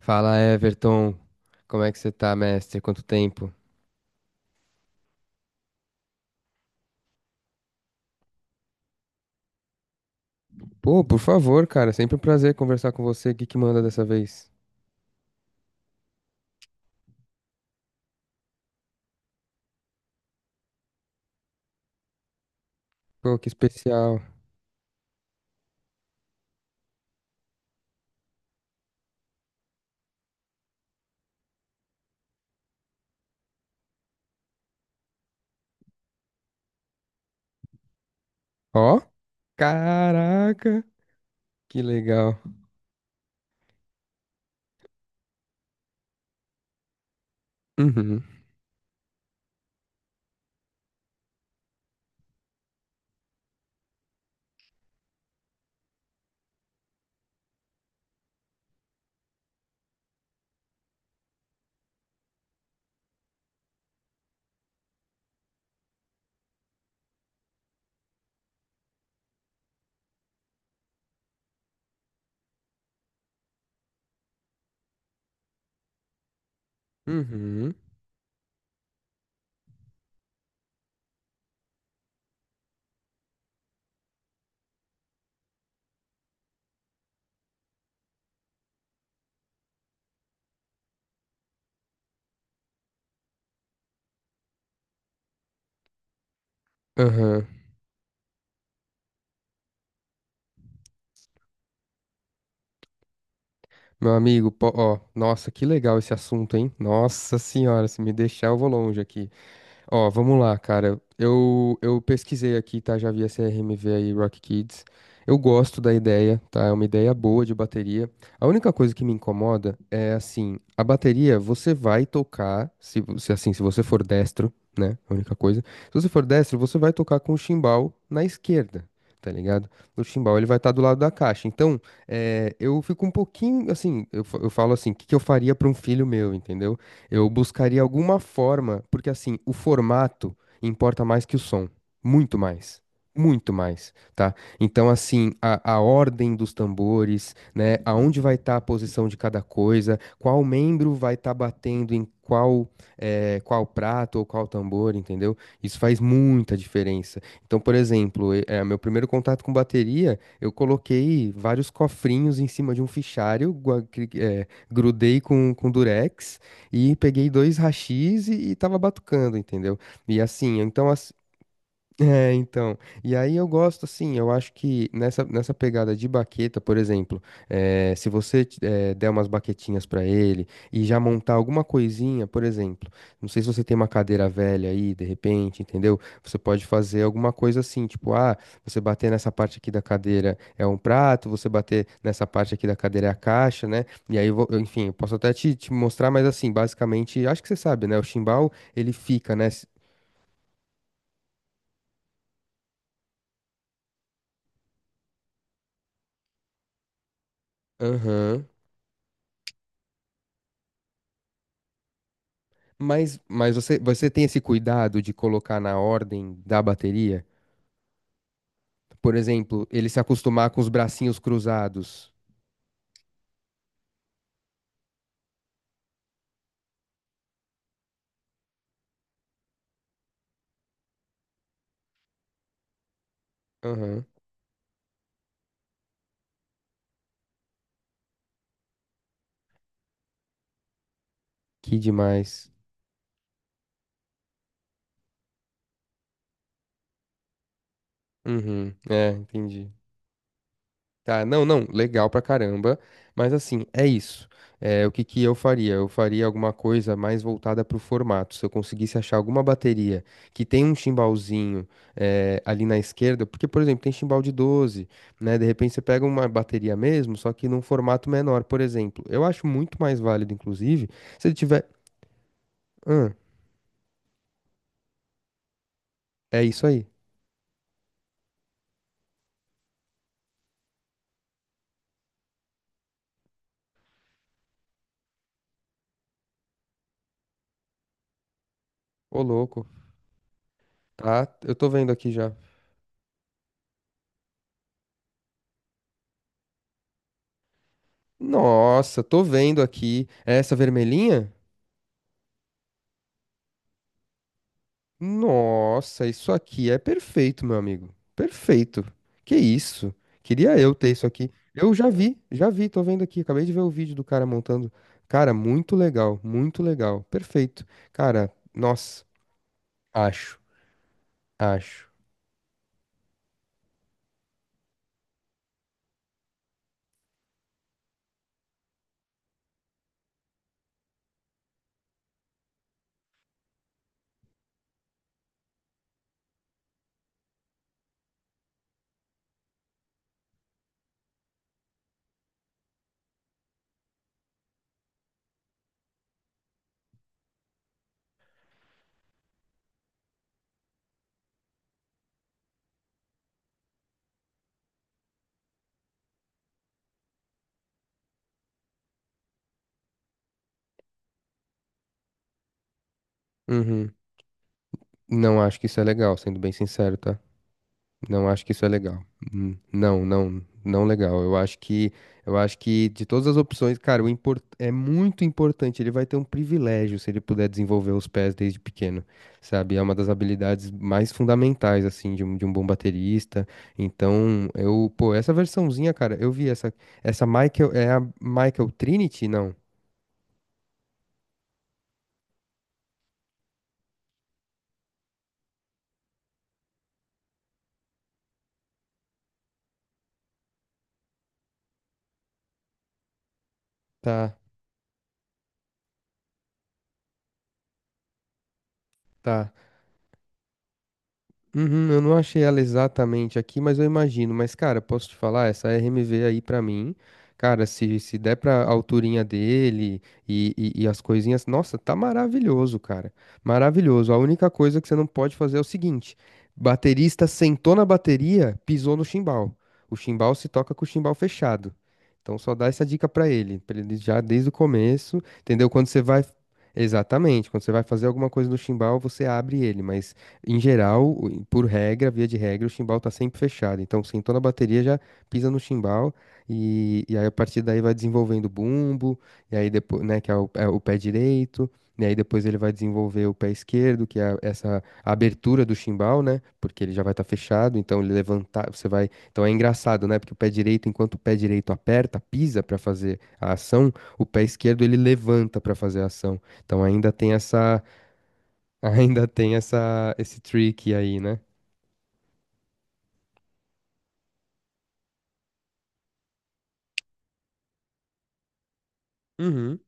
Fala, Everton. Como é que você tá, mestre? Quanto tempo? Pô, por favor, cara. Sempre um prazer conversar com você. O que que manda dessa vez? Pô, que especial. Ó, caraca, que legal. Uhum, uhum, aham. Meu amigo, pô, ó, nossa, que legal esse assunto, hein? Nossa senhora, se me deixar, eu vou longe aqui. Ó, vamos lá, cara. Eu pesquisei aqui, tá? Já vi a CRMV aí, Rock Kids. Eu gosto da ideia, tá? É uma ideia boa de bateria. A única coisa que me incomoda é assim, a bateria você vai tocar, se, vo- se assim, se você for destro, né? A única coisa. Se você for destro, você vai tocar com o chimbal na esquerda. Tá ligado? O chimbal ele vai estar do lado da caixa. Então, eu fico um pouquinho assim. Eu falo assim: o que eu faria para um filho meu, entendeu? Eu buscaria alguma forma, porque assim, o formato importa mais que o som, muito mais. Muito mais, tá? Então, assim, a ordem dos tambores, né? Aonde vai estar a posição de cada coisa, qual membro vai estar batendo em qual, qual prato ou qual tambor, entendeu? Isso faz muita diferença. Então, por exemplo, meu primeiro contato com bateria, eu coloquei vários cofrinhos em cima de um fichário, grudei com durex e peguei dois hashis e tava batucando, entendeu? E assim, então, então. E aí eu gosto, assim, eu acho que nessa pegada de baqueta, por exemplo, se você der umas baquetinhas pra ele e já montar alguma coisinha, por exemplo, não sei se você tem uma cadeira velha aí, de repente, entendeu? Você pode fazer alguma coisa assim, tipo, ah, você bater nessa parte aqui da cadeira é um prato, você bater nessa parte aqui da cadeira é a caixa, né? E aí, enfim, eu posso até te mostrar, mas assim, basicamente, acho que você sabe, né? O chimbal, ele fica, né? Aham. Mas você tem esse cuidado de colocar na ordem da bateria? Por exemplo, ele se acostumar com os bracinhos cruzados. Aham. Que demais. Uhum. É, entendi. Tá, não, não, legal pra caramba, mas assim, é isso. É, o que que eu faria? Eu faria alguma coisa mais voltada pro formato. Se eu conseguisse achar alguma bateria que tem um timbalzinho ali na esquerda, porque, por exemplo, tem timbal de doze, né? De repente você pega uma bateria mesmo, só que num formato menor, por exemplo. Eu acho muito mais válido, inclusive, se ele tiver. Hã, é isso aí. Ô, louco. Tá, eu tô vendo aqui já. Nossa, tô vendo aqui. É essa vermelhinha? Nossa, isso aqui é perfeito, meu amigo. Perfeito. Que isso? Queria eu ter isso aqui. Eu já vi, tô vendo aqui. Acabei de ver o vídeo do cara montando. Cara, muito legal, muito legal. Perfeito. Cara, nossa, acho, acho. Uhum. Não acho que isso é legal, sendo bem sincero, tá? Não acho que isso é legal. Não, não, não legal. Eu acho que de todas as opções, cara, é muito importante. Ele vai ter um privilégio se ele puder desenvolver os pés desde pequeno, sabe? É uma das habilidades mais fundamentais, assim, de um bom baterista. Então, eu, pô, essa versãozinha, cara, eu vi essa Michael, é a Michael Trinity? Não, tá, tá. Uhum, eu não achei ela exatamente aqui, mas eu imagino. Mas, cara, posso te falar, essa RMV aí pra mim, cara, se der pra alturinha dele e as coisinhas, nossa, tá maravilhoso, cara. Maravilhoso. A única coisa que você não pode fazer é o seguinte: baterista sentou na bateria, pisou no chimbal. O chimbal se toca com o chimbal fechado. Então, só dá essa dica pra ele já desde o começo, entendeu? Quando você vai. Exatamente, quando você vai fazer alguma coisa no chimbal, você abre ele, mas. Em geral, por regra, via de regra, o chimbal tá sempre fechado. Então, sentou na bateria, já pisa no chimbal e aí a partir daí vai desenvolvendo o bumbo, e aí depois, né, que é o pé direito, e aí depois ele vai desenvolver o pé esquerdo, que é essa abertura do chimbal, né? Porque ele já vai estar fechado, então ele levantar, você vai. Então é engraçado, né? Porque o pé direito, enquanto o pé direito aperta, pisa para fazer a ação, o pé esquerdo ele levanta para fazer a ação. Então ainda tem essa Ainda tem essa, esse trick aí, né? Uhum,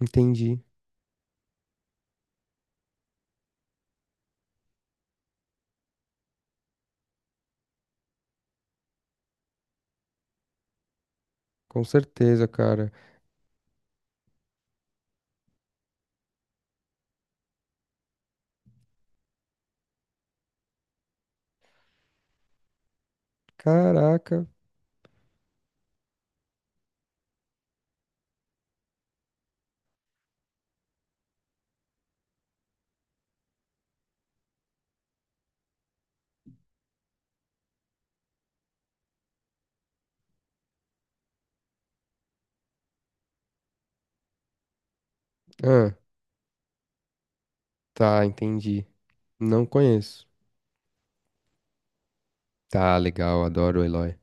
entendi. Com certeza, cara. Caraca. Ah, tá, entendi. Não conheço. Tá, legal, adoro o Eloy.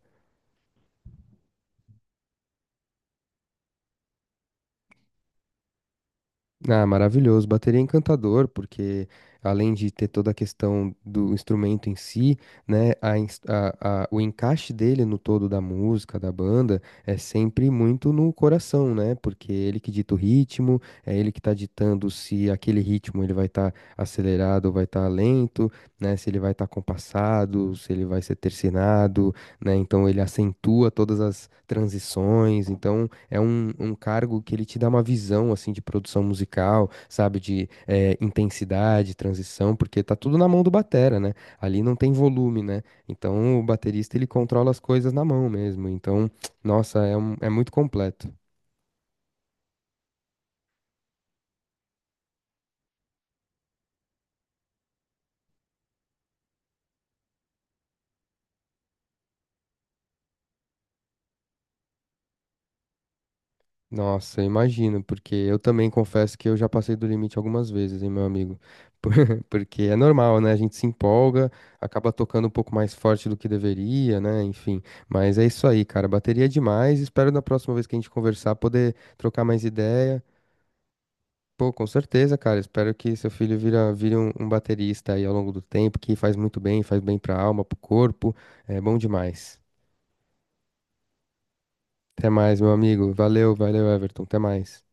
Ah, maravilhoso. Bateria é encantador, porque além de ter toda a questão do instrumento em si, né, a, ins- a- o encaixe dele no todo da música, da banda, é sempre muito no coração, né? Porque é ele que dita o ritmo, é ele que tá ditando se aquele ritmo ele vai estar acelerado ou vai estar lento, né? Se ele vai estar compassado, se ele vai ser tercinado, né? Então ele acentua todas as transições, então é um cargo que ele te dá uma visão, assim, de produção musical, sabe? De intensidade, transição, porque tá tudo na mão do batera, né? Ali não tem volume, né? Então o baterista ele controla as coisas na mão mesmo, então, nossa, é muito completo. Nossa, imagino, porque eu também confesso que eu já passei do limite algumas vezes, hein, meu amigo? Por- Porque é normal, né? A gente se empolga, acaba tocando um pouco mais forte do que deveria, né? Enfim. Mas é isso aí, cara. Bateria é demais. Espero na próxima vez que a gente conversar poder trocar mais ideia. Pô, com certeza, cara. Espero que seu filho vire um baterista aí ao longo do tempo, que faz muito bem, faz bem pra alma, pro corpo. É bom demais. Até mais, meu amigo. Valeu, valeu, Everton. Até mais.